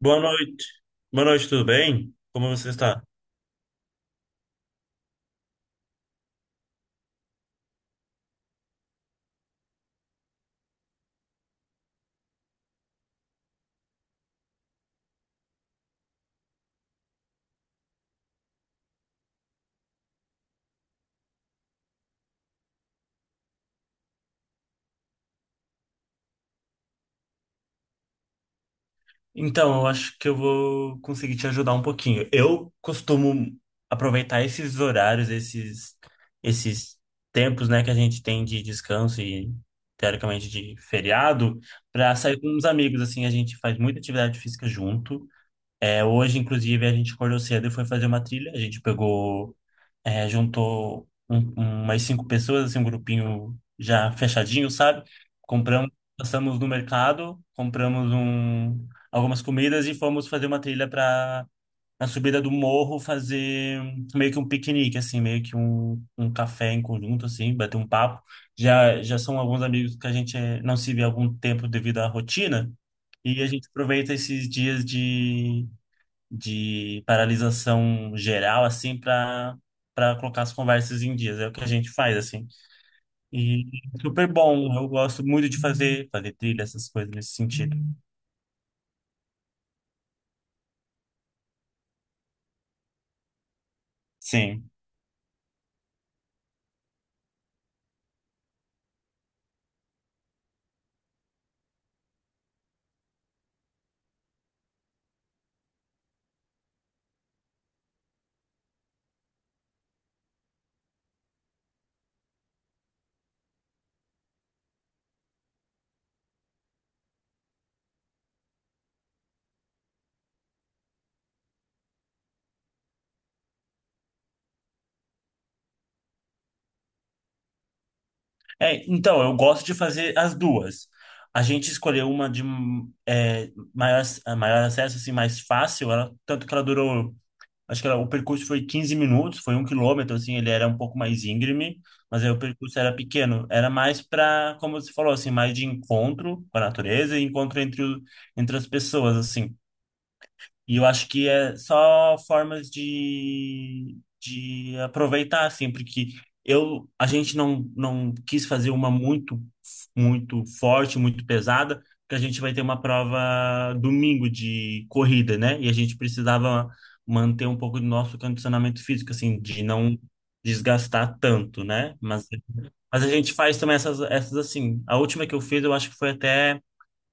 Boa noite. Boa noite, tudo bem? Como você está? Então, eu acho que eu vou conseguir te ajudar um pouquinho. Eu costumo aproveitar esses horários, esses tempos, né, que a gente tem de descanso e teoricamente de feriado, para sair com uns amigos assim. A gente faz muita atividade física junto. É, hoje, inclusive, a gente acordou cedo e foi fazer uma trilha. A gente pegou é, juntou umas cinco pessoas, assim, um grupinho já fechadinho, sabe? Compramos, passamos no mercado, compramos algumas comidas e fomos fazer uma trilha para na subida do morro fazer meio que um piquenique, assim, meio que um café em conjunto, assim, bater um papo. Já, já são alguns amigos que a gente não se vê há algum tempo devido à rotina. E a gente aproveita esses dias de paralisação geral, assim, para para colocar as conversas em dias. É o que a gente faz, assim. E super bom. Eu gosto muito de fazer, fazer trilha, essas coisas nesse sentido. Sim. É, então, eu gosto de fazer as duas. A gente escolheu uma de maior, maior acesso, assim, mais fácil. Ela, tanto que ela durou, acho que era- o percurso foi 15 minutos, foi um quilômetro, assim. Ele era um pouco mais íngreme, mas aí o percurso era pequeno. Era mais para, como você falou, assim, mais de encontro com a natureza e encontro entre as pessoas, assim. E eu acho que é só formas de aproveitar, assim, porque a gente não quis fazer uma muito, muito forte, muito pesada, porque a gente vai ter uma prova domingo de corrida, né? E a gente precisava manter um pouco do nosso condicionamento físico, assim, de não desgastar tanto, né? Mas a gente faz também essas, essas assim. A última que eu fiz, eu acho que foi até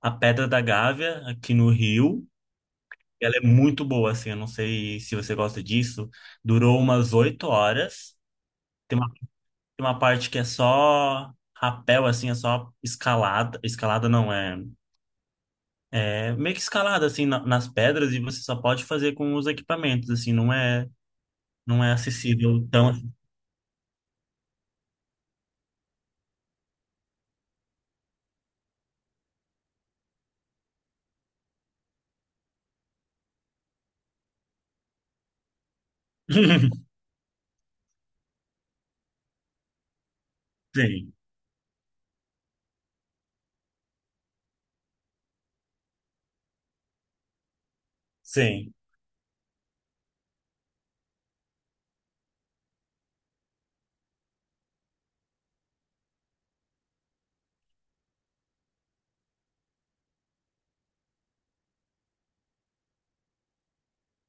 a Pedra da Gávea, aqui no Rio. Ela é muito boa, assim, eu não sei se você gosta disso. Durou umas oito horas. Tem uma parte que é só rapel, assim, é só escalada. Escalada não, é, é meio que escalada, assim, nas pedras, e você só pode fazer com os equipamentos, assim. Não é, não é acessível tão... Sim, sim,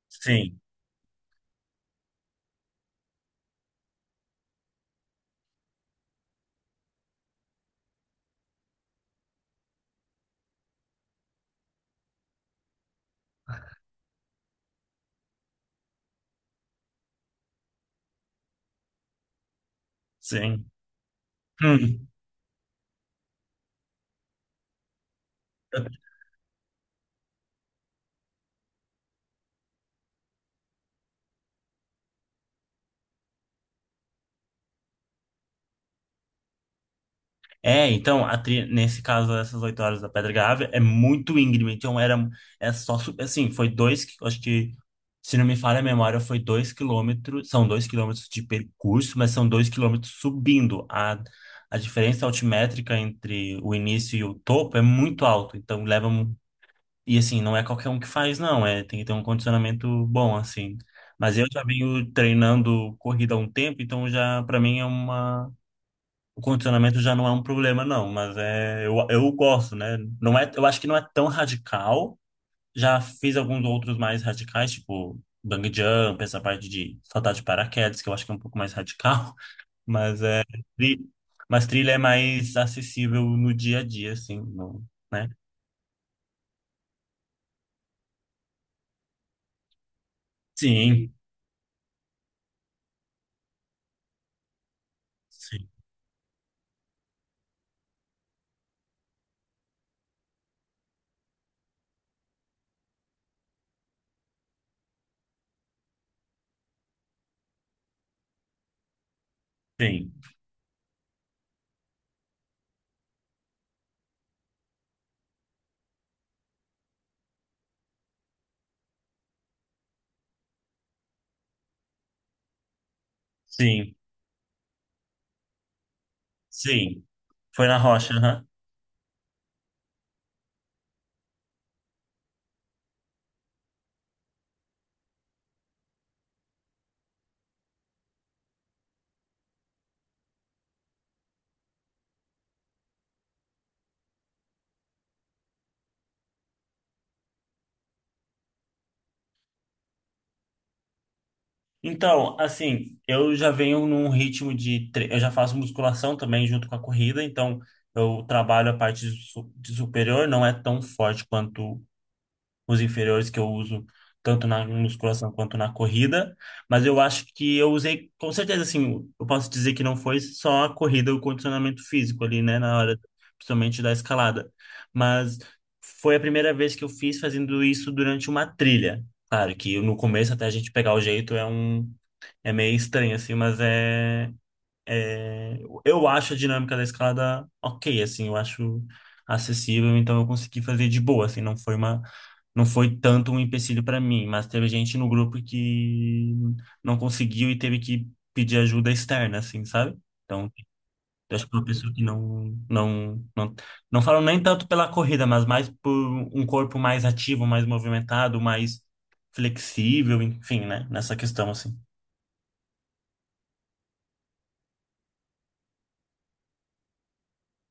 sim, sim. Hum. É, então, a nesse caso, essas oito horas da Pedra Gávea é muito íngreme. Então, era, é só, assim, foi dois, acho que, se não me falha a memória, foi dois quilômetros. São dois quilômetros de percurso, mas são dois quilômetros subindo. A diferença altimétrica entre o início e o topo é muito alto. Então, leva, um- e assim, não é qualquer um que faz, não. É, tem que ter um condicionamento bom, assim. Mas eu já venho treinando corrida há um tempo, então já, para mim, é uma o condicionamento já não é um problema, não, mas é, eu gosto, né? Não é, eu acho que não é tão radical. Já fiz alguns outros mais radicais, tipo bang jump, essa parte de saltar de paraquedas, que eu acho que é um pouco mais radical, mas é, tri- mas trilha é mais acessível no dia a dia, assim, no, né? Sim, sim, sim, sim, sim. Foi na rocha, aham. Então, assim, eu já venho num ritmo de. Eu já faço musculação também junto com a corrida, então eu trabalho a parte de superior, não é tão forte quanto os inferiores que eu uso, tanto na musculação quanto na corrida. Mas eu acho que eu usei, com certeza, assim, eu posso dizer que não foi só a corrida, o condicionamento físico ali, né, na hora, principalmente da escalada. Mas foi a primeira vez que eu fiz fazendo isso durante uma trilha. Claro que no começo, até a gente pegar o jeito, é meio estranho, assim, mas é, é- Eu acho a dinâmica da escalada ok, assim, eu acho acessível, então eu consegui fazer de boa, assim, não foi uma... Não foi tanto um empecilho para mim, mas teve gente no grupo que não conseguiu e teve que pedir ajuda externa, assim, sabe? Então, eu acho que é uma pessoa que não falo nem tanto pela corrida, mas mais por um corpo mais ativo, mais movimentado, mais flexível, enfim, né? Nessa questão, assim.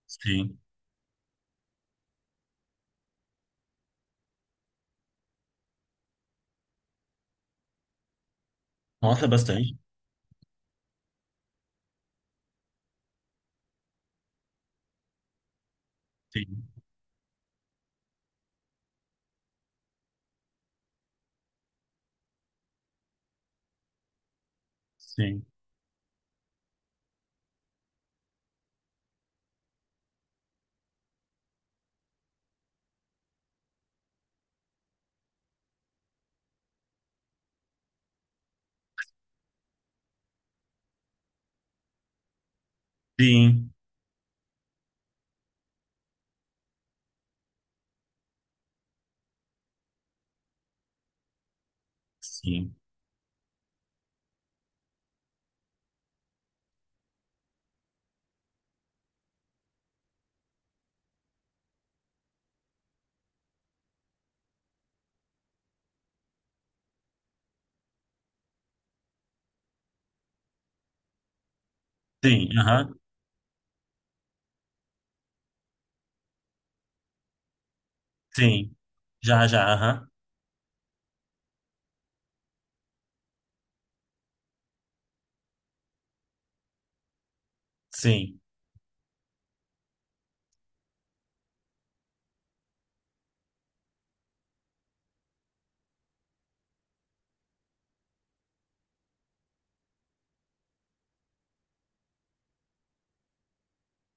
Sim. Nossa, bastante. Sim, sim. Sim, sim. Sim, aham, sim. Já, já, aham. Sim.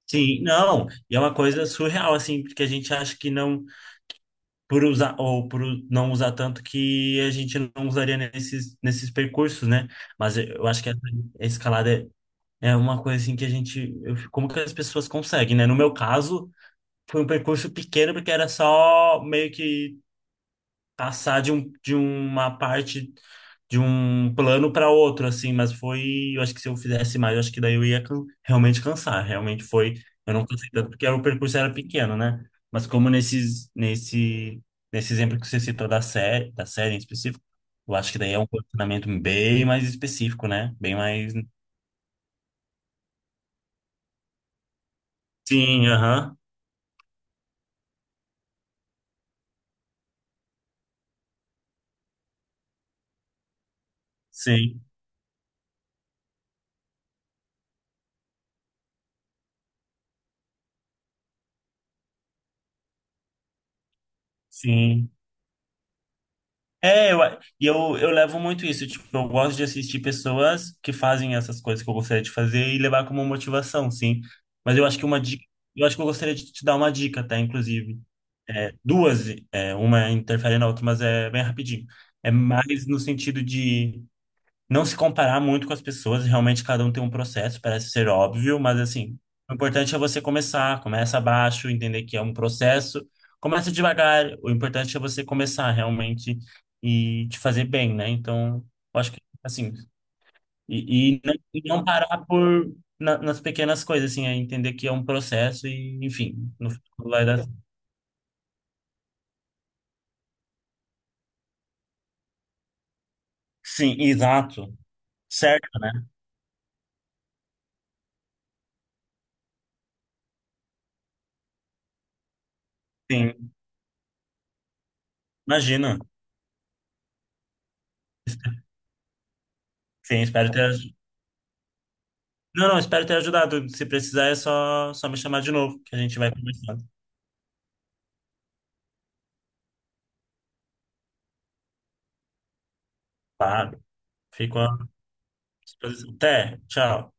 Sim, não. E é uma coisa surreal, assim, porque a gente acha que não, por usar, ou por não usar tanto, que a gente não usaria nesses, nesses percursos, né? Mas eu acho que essa escalada é, é uma coisa, assim, que a gente. Como que as pessoas conseguem, né? No meu caso, foi um percurso pequeno, porque era só meio que passar de uma parte de um plano para outro, assim, mas foi, eu acho que se eu fizesse mais, eu acho que daí eu ia realmente cansar, realmente foi, eu não cansei tanto porque o percurso era pequeno, né? Mas como nesses, nesse, nesse exemplo que você citou da série em específico, eu acho que daí é um condicionamento bem mais específico, né? Bem mais... Sim, aham, sim, sim. É, e eu levo muito isso. Tipo, eu gosto de assistir pessoas que fazem essas coisas que eu gostaria de fazer e levar como motivação, sim. Mas eu acho que uma dica, eu acho que eu gostaria de te dar uma dica, tá? Inclusive, é, duas, é, uma interfere na outra, mas é bem rapidinho. É mais no sentido de não se comparar muito com as pessoas, realmente cada um tem um processo, parece ser óbvio, mas assim, o importante é você começar, começa abaixo, entender que é um processo, começa devagar, o importante é você começar realmente e te fazer bem, né? Então, eu acho que assim, e não parar por nas pequenas coisas, assim, é entender que é um processo e, enfim, no final vai dar. Sim, exato. Certo, né? Sim, imagina. Sim, espero ter Não, não, espero ter ajudado. Se precisar, é só, só me chamar de novo, que a gente vai conversando. Claro, fico à disposição. Até, tchau.